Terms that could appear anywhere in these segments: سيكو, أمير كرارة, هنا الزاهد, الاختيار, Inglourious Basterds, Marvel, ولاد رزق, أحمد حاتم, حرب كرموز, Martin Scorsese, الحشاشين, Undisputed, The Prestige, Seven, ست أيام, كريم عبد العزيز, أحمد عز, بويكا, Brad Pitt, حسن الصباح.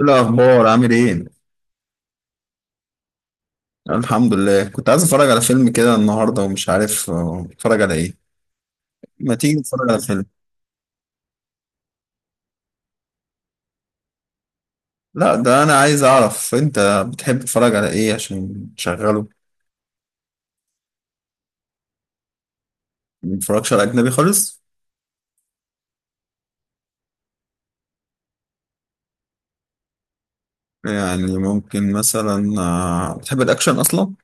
إيه الأخبار؟ عامل إيه؟ الحمد لله، كنت عايز أتفرج على فيلم كده النهاردة ومش عارف أتفرج على إيه. ما تيجي نتفرج على فيلم. لا، ده أنا عايز أعرف أنت بتحب تتفرج على إيه عشان تشغله. ما بتتفرجش على أجنبي خالص؟ يعني ممكن مثلا، بتحب الأكشن أصلا؟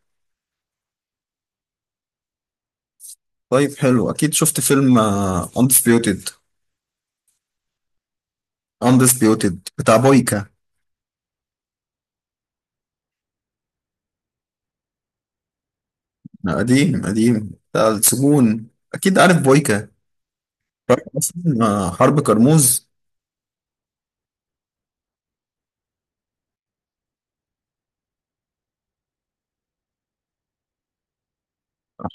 طيب، حلو. أكيد شفت فيلم Undisputed. Undisputed بتاع بويكا. قديم، قديم، بتاع السجون. أكيد عارف بويكا. عارف أصلاً، حرب كرموز.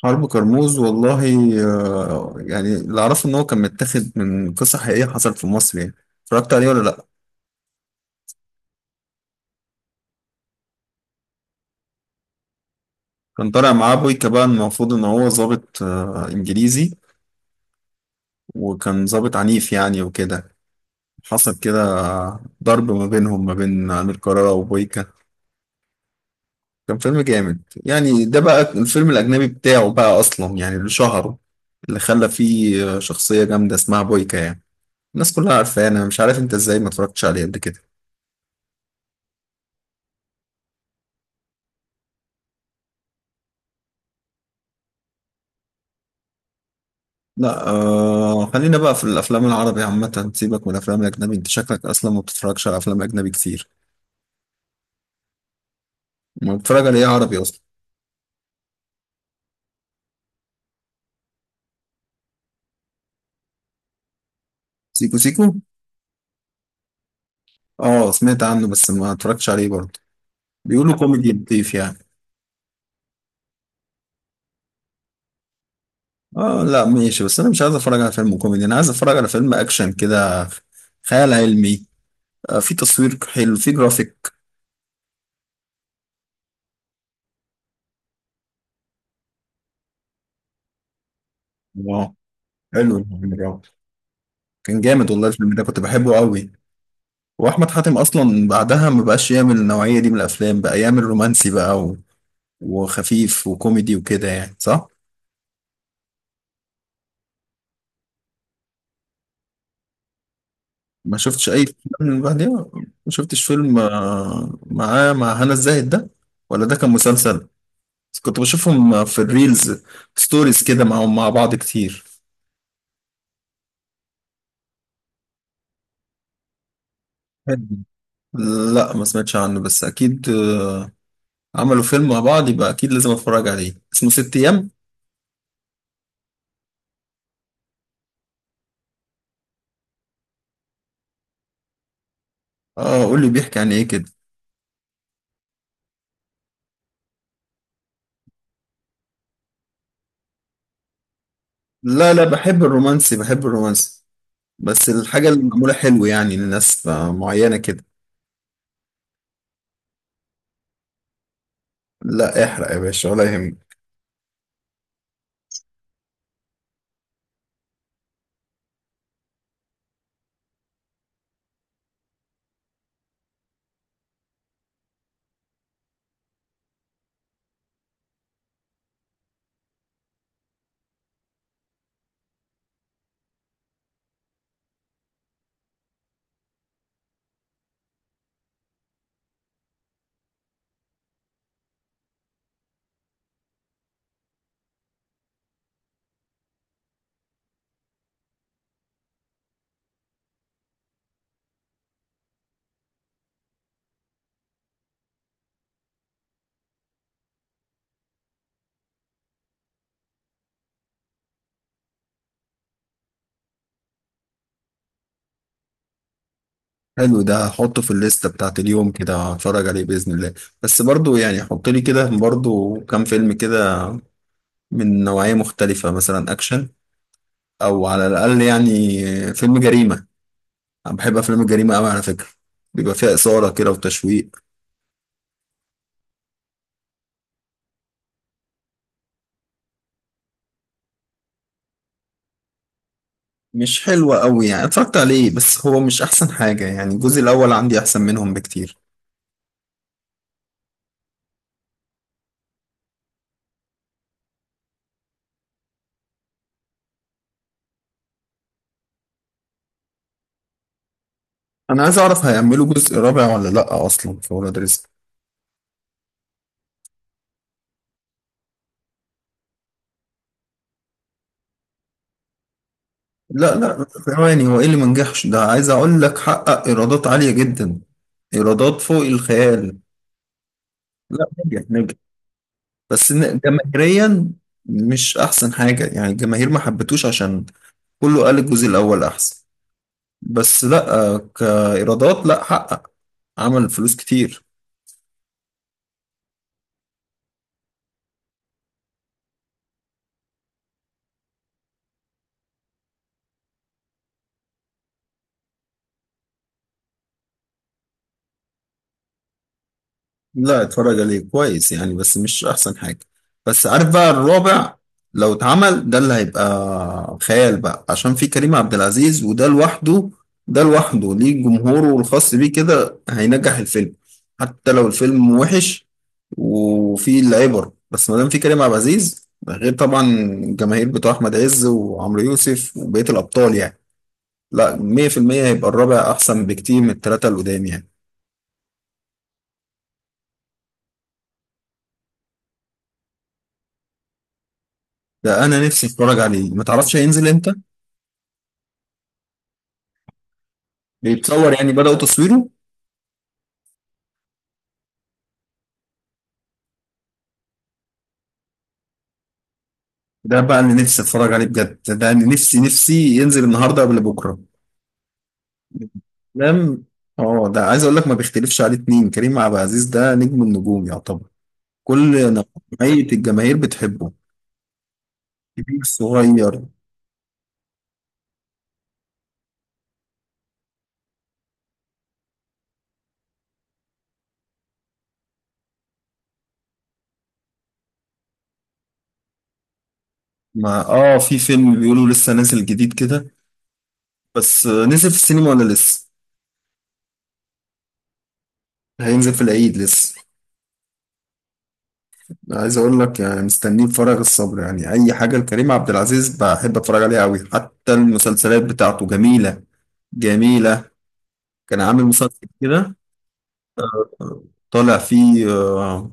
حرب كرموز والله. يعني اللي اعرفه ان هو كان متاخد من قصه حقيقيه حصلت في مصر يعني. اتفرجت عليه ولا لا؟ كان طالع معاه بويكا، بقى المفروض ان هو ضابط انجليزي، وكان ضابط عنيف يعني وكده. حصل كده ضرب ما بينهم، ما بين امير كرارة وبويكا. كان فيلم جامد يعني. ده بقى الفيلم الاجنبي بتاعه بقى اصلا، يعني اللي شهره، اللي خلى فيه شخصيه جامده اسمها بويكا يعني. الناس كلها عارفاه، انا مش عارف انت ازاي ما اتفرجتش عليه قبل كده. لا آه، خلينا بقى في الافلام العربي عامه، سيبك من الافلام الاجنبي. انت شكلك اصلا ما بتتفرجش على افلام اجنبي كتير. ما بتتفرج على ايه عربي اصلا؟ سيكو سيكو. اه، سمعت عنه بس ما اتفرجتش عليه برضه. بيقولوا عجبك، كوميدي لطيف يعني. اه لا، ماشي، بس انا مش عايز اتفرج على فيلم كوميدي، انا عايز اتفرج على فيلم اكشن كده، خيال علمي. آه، في تصوير حلو، في جرافيك. اه، حلو الفيلم ده. كان جامد والله الفيلم ده، كنت بحبه قوي. واحمد حاتم اصلا بعدها ما بقاش يعمل النوعيه دي من الافلام، بقى يعمل رومانسي بقى، وخفيف وكوميدي وكده يعني، صح؟ ما شفتش أي فيلم من بعديها. ما شفتش فيلم معاه مع هنا الزاهد ده، ولا ده كان مسلسل؟ بس كنت بشوفهم في الريلز، ستوريز كده معاهم مع بعض كتير. حلو. لا ما سمعتش عنه، بس أكيد عملوا فيلم مع بعض، يبقى أكيد لازم أتفرج عليه. اسمه ست أيام. اه، قول لي بيحكي عن إيه كده. لا لا، بحب الرومانسي، بحب الرومانسي، بس الحاجة اللي معمولة حلو يعني لناس معينة كده. لا، احرق يا باشا ولا يهمك. حلو، ده هحطه في الليستة بتاعت اليوم كده، هتفرج عليه بإذن الله. بس برضو يعني حط لي كده برضو كام فيلم كده من نوعية مختلفة، مثلا أكشن، أو على الأقل يعني فيلم جريمة. أنا بحب أفلام الجريمة أوي على فكرة، بيبقى فيها إثارة كده وتشويق. مش حلوة أوي يعني، اتفرجت عليه بس هو مش أحسن حاجة، يعني الجزء الأول عندي أحسن منهم بكتير. أنا عايز أعرف هيعملوا جزء رابع ولا لأ أصلا في ولاد رزق؟ لا لا، ثواني، هو ايه اللي منجحش ده؟ عايز اقول لك حقق ايرادات عالية جدا، ايرادات فوق الخيال. لا، نجح نجح، بس جماهيريا مش احسن حاجة يعني. الجماهير ما حبتوش، عشان كله قال الجزء الاول احسن، بس لا كايرادات لا، حقق، عمل فلوس كتير. لا، اتفرج عليه كويس يعني، بس مش احسن حاجة. بس عارف بقى الرابع لو اتعمل، ده اللي هيبقى خيال بقى، عشان في كريم عبد العزيز. وده لوحده، ده لوحده ليه جمهوره الخاص بيه كده، هينجح الفيلم حتى لو الفيلم وحش وفيه العبر، بس ما دام في كريم عبد العزيز ده، غير طبعا الجماهير بتوع احمد عز وعمرو يوسف وبقية الابطال يعني. لا، 100% هيبقى الرابع احسن بكتير من الثلاثة اللي قدام يعني. ده انا نفسي اتفرج عليه، ما تعرفش هينزل امتى؟ بيتصور يعني، بدأوا تصويره؟ ده بقى اللي نفسي اتفرج عليه بجد، ده اللي نفسي نفسي ينزل النهارده قبل بكره. لم. اه، ده عايز اقول لك ما بيختلفش عليه اتنين، كريم عبد العزيز ده نجم النجوم يعتبر، كل نوعية الجماهير بتحبه، كبير صغير. ما اه، في فيلم بيقولوا لسه نازل جديد كده، بس نزل في السينما ولا لسه هينزل في العيد لسه؟ عايز اقول لك يعني مستنيه بفارغ الصبر، يعني اي حاجه لكريم عبد العزيز بحب اتفرج عليها قوي، حتى المسلسلات بتاعته جميله، جميلة. كان عامل مسلسل كده، طالع فيه آه،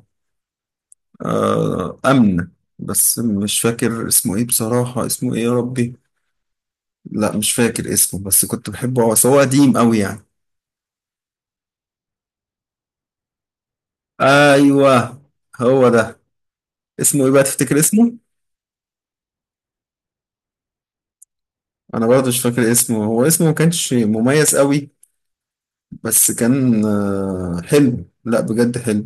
آه، أمن، بس مش فاكر اسمه إيه بصراحة. اسمه إيه يا ربي؟ لا، مش فاكر اسمه، بس كنت بحبه. هو قديم أوي يعني. أيوه، هو ده. اسمه إيه بقى تفتكر اسمه؟ أنا برضه مش فاكر اسمه، هو اسمه ما كانش مميز أوي، بس كان آه، حلو، لا بجد حلو.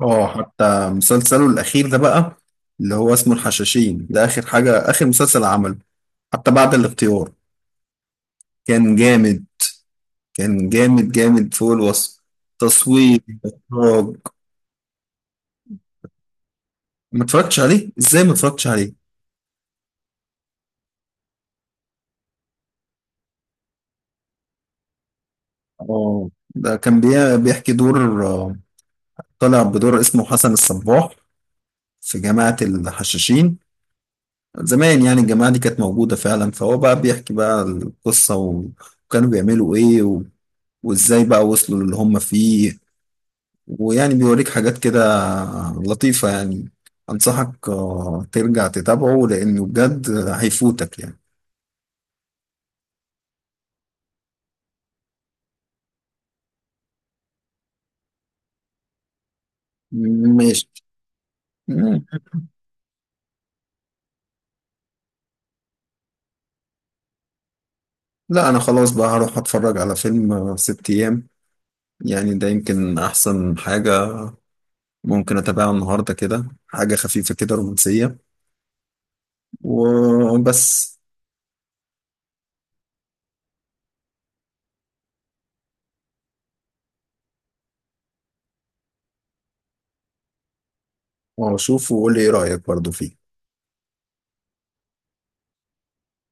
اه، حتى مسلسله الأخير ده بقى اللي هو اسمه الحشاشين، ده آخر حاجة، آخر مسلسل عمله حتى بعد الاختيار. كان جامد، كان جامد جامد فوق الوصف، تصوير، إخراج. ما اتفرجتش عليه؟ ازاي ما اتفرجتش عليه؟ اه، ده كان بيحكي دور طالع بدور اسمه حسن الصباح، في جماعة الحشاشين زمان يعني. الجماعة دي كانت موجودة فعلا، فهو بقى بيحكي بقى القصة، و- وكانوا بيعملوا ايه، و... وازاي بقى وصلوا للي هم فيه، ويعني بيوريك حاجات كده لطيفة يعني. أنصحك ترجع تتابعه، لأنه بجد هيفوتك يعني. ماشي. مم. لا، أنا خلاص بقى هروح أتفرج على فيلم ست أيام، يعني ده يمكن أحسن حاجة، ممكن أتابعها النهاردة كده، حاجة خفيفة كده رومانسية وبس. وأشوف وقول لي إيه رأيك برضو فيه.